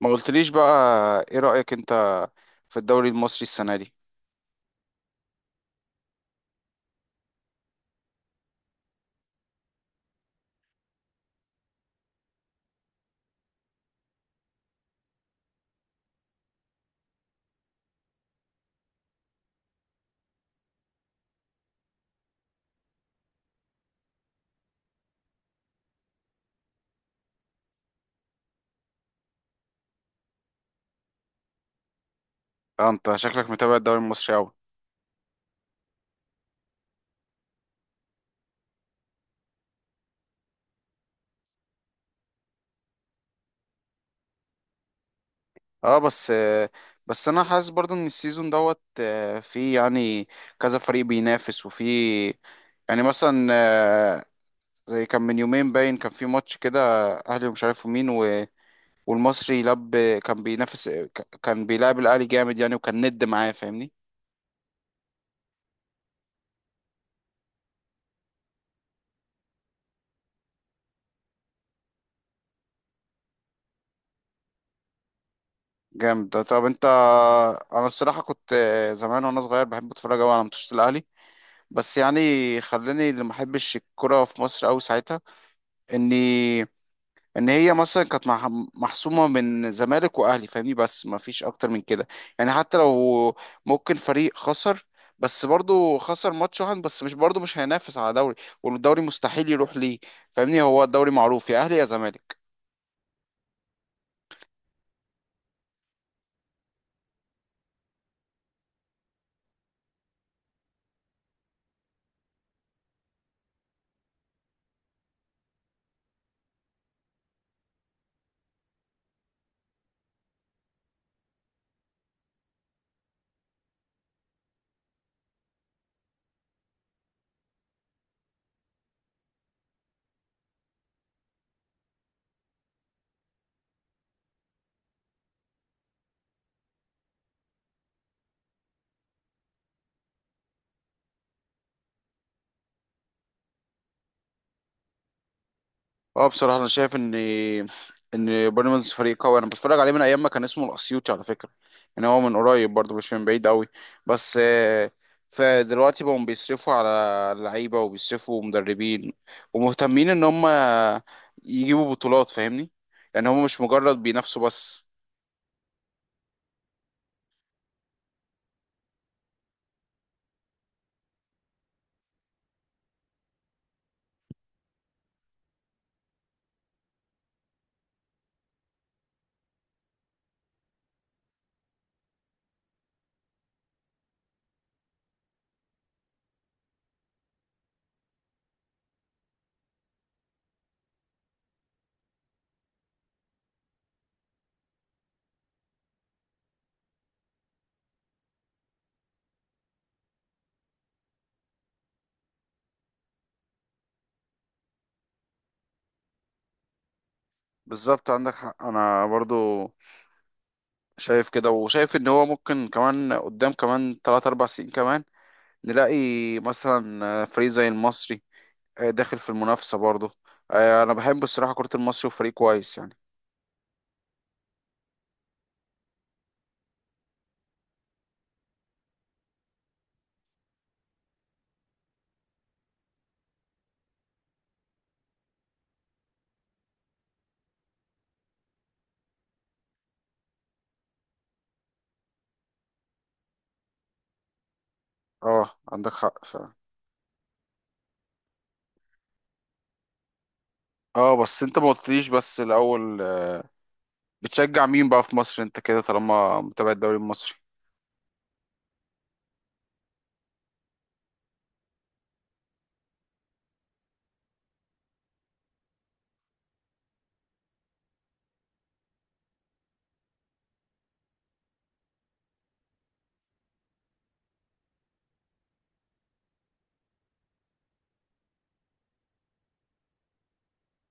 ما قلتليش بقى، ايه رأيك انت في الدوري المصري السنة دي؟ اه انت شكلك متابع الدوري المصري اوي. اه بس، بس انا حاسس برضو ان السيزون دوت في كذا فريق بينافس، وفي مثلا زي كان من يومين باين كان في ماتش كده، اهلي ومش عارف مين والمصري لب، كان بينافس كان بيلعب الاهلي جامد يعني، وكان ند معاه، فاهمني؟ جامد ده. طب انت، انا الصراحة كنت زمان وانا صغير بحب اتفرج اوي على ماتشات الاهلي، بس يعني خلاني اللي ما احبش الكرة في مصر قوي ساعتها، اني ان هي مثلا كانت محسومة من زمالك واهلي، فاهمني؟ بس ما فيش اكتر من كده. يعني حتى لو ممكن فريق خسر، بس برضه خسر ماتش واحد بس، مش برضه مش هينافس على دوري، والدوري مستحيل يروح ليه. فاهمني؟ هو الدوري معروف يا اهلي يا زمالك. اه بصراحة أنا شايف إن إن بيراميدز فريق قوي. أنا بتفرج عليه من أيام ما كان اسمه الأسيوطي على فكرة. يعني هو من قريب برضه، مش من بعيد أوي. بس فدلوقتي بقوا بيصرفوا على اللعيبة، وبيصرفوا مدربين، ومهتمين إن هم يجيبوا بطولات، فاهمني؟ يعني هم مش مجرد بينافسوا بس. بالظبط، عندك حق. أنا برضه شايف كده، وشايف إن هو ممكن كمان قدام كمان تلات أربع سنين كمان نلاقي مثلا فريق زي المصري داخل في المنافسة برضه. انا بحب الصراحة كرة المصري، وفريق كويس يعني. اه عندك حق فعلا. اه بس انت ما قلتليش بس الاول، بتشجع مين بقى في مصر انت كده، طالما متابع الدوري المصري؟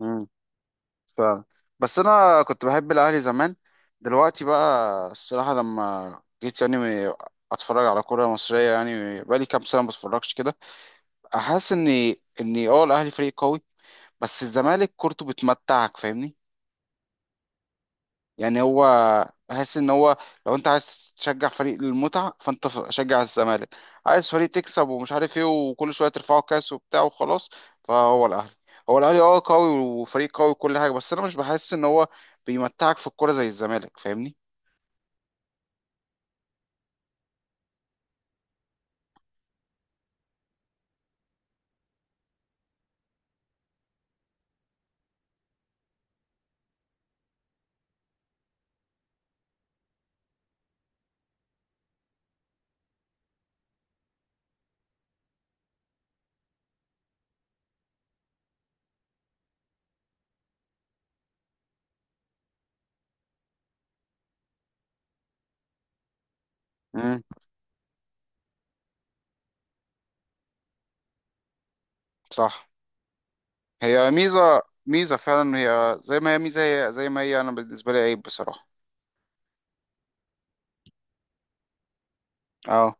امم، فعلا. بس انا كنت بحب الاهلي زمان. دلوقتي بقى، الصراحة لما جيت يعني م- اتفرج على كرة مصرية، يعني بقالي كام سنة ما بتفرجش كده، احس اني اه الاهلي فريق قوي، بس الزمالك كورته بتمتعك، فاهمني؟ يعني هو، بحس ان هو لو انت عايز تشجع فريق للمتعه، فانت شجع الزمالك. عايز فريق تكسب ومش عارف ايه، وكل شويه ترفعوا كاس وبتاع وخلاص، فهو الاهلي، هو الاهلي اه قوي، وفريق قوي وكل حاجه، بس انا مش بحس ان هو بيمتعك في الكوره زي الزمالك، فاهمني؟ امم، صح. هي ميزه، ميزه فعلا، هي زي ما هي ميزه، هي زي ما هي انا بالنسبه لي عيب بصراحه. اه،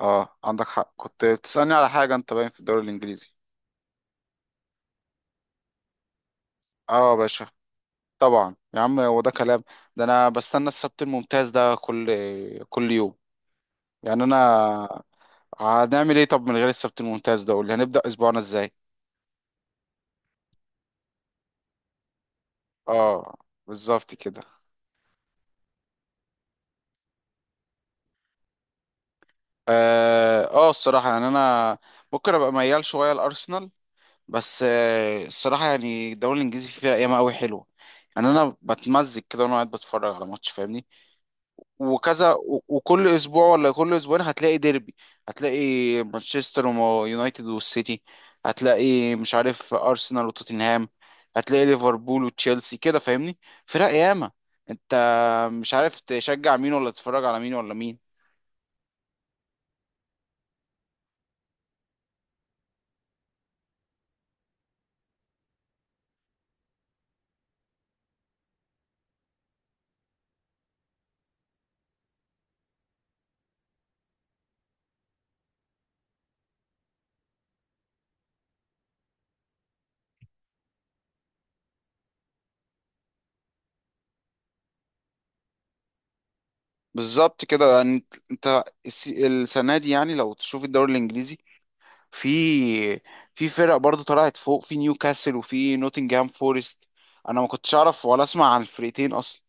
اه عندك حق. كنت بتسالني على حاجه، انت باين في الدوري الانجليزي. اه يا باشا، طبعا يا عم، هو ده كلام. ده انا بستنى السبت الممتاز ده كل كل يوم يعني. انا هنعمل ايه طب من غير السبت الممتاز ده؟ قول لي هنبدأ اسبوعنا ازاي. اه، بالظبط كده. اه الصراحة يعني انا ممكن ابقى ميال شوية لارسنال، بس آه الصراحة يعني الدوري الانجليزي فيها ايام قوي حلوة. يعني انا بتمزج كده وانا قاعد بتفرج على ماتش، فاهمني؟ وكذا وكل اسبوع ولا كل اسبوعين هتلاقي ديربي. هتلاقي مانشستر ويونايتد والسيتي، هتلاقي مش عارف ارسنال وتوتنهام، هتلاقي ليفربول وتشيلسي كده، فاهمني؟ فرق ياما، انت مش عارف تشجع مين ولا تتفرج على مين ولا مين. بالظبط كده. يعني انت، انت السنه دي، يعني لو تشوف الدوري الانجليزي، في في فرق برضو طلعت فوق، في نيوكاسل وفي نوتنجهام فورست. انا ما كنتش اعرف ولا اسمع عن الفرقتين اصلا.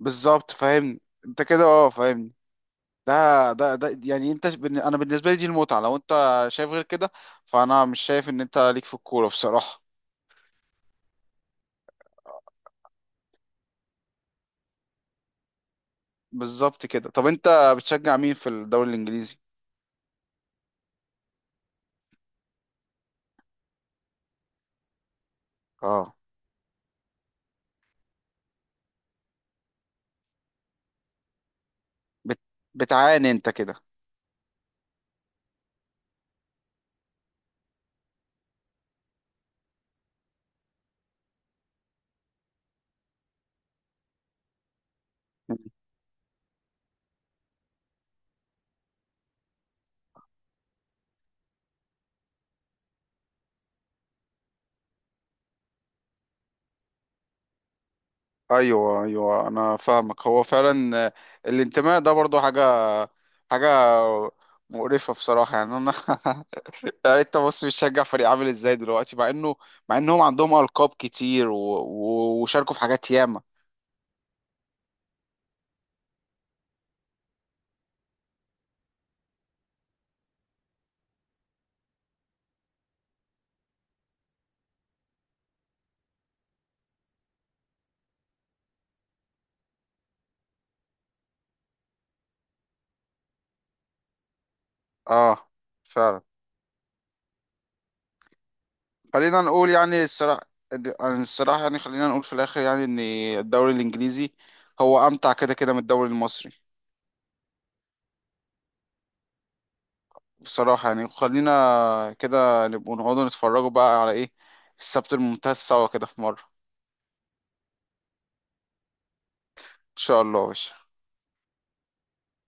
بالظبط فاهمني انت كده، اه فاهمني. ده ده يعني انت انا بالنسبه لي دي المتعه. لو انت شايف غير كده، فانا مش شايف ان انت ليك في الكوره بصراحه. بالظبط كده. طب انت بتشجع مين في الدوري الانجليزي؟ اه بت... بتعاني انت كده. ايوه ايوه، انا فاهمك. هو فعلا الانتماء ده برضو حاجه، حاجه مقرفه بصراحه، يعني انا يعني انت بص، بتشجع فريق عامل ازاي دلوقتي، مع انه مع انهم عندهم القاب كتير و... و... وشاركوا في حاجات ياما. اه فعلا. خلينا نقول يعني الصراحه، الصراحه يعني خلينا نقول في الاخر يعني ان الدوري الانجليزي هو امتع كده كده من الدوري المصري. بصراحه يعني خلينا كده نبقوا نقعدوا نتفرجوا بقى على ايه، السبت الممتاز، سوا كده في مره. ان شاء الله يا باشا.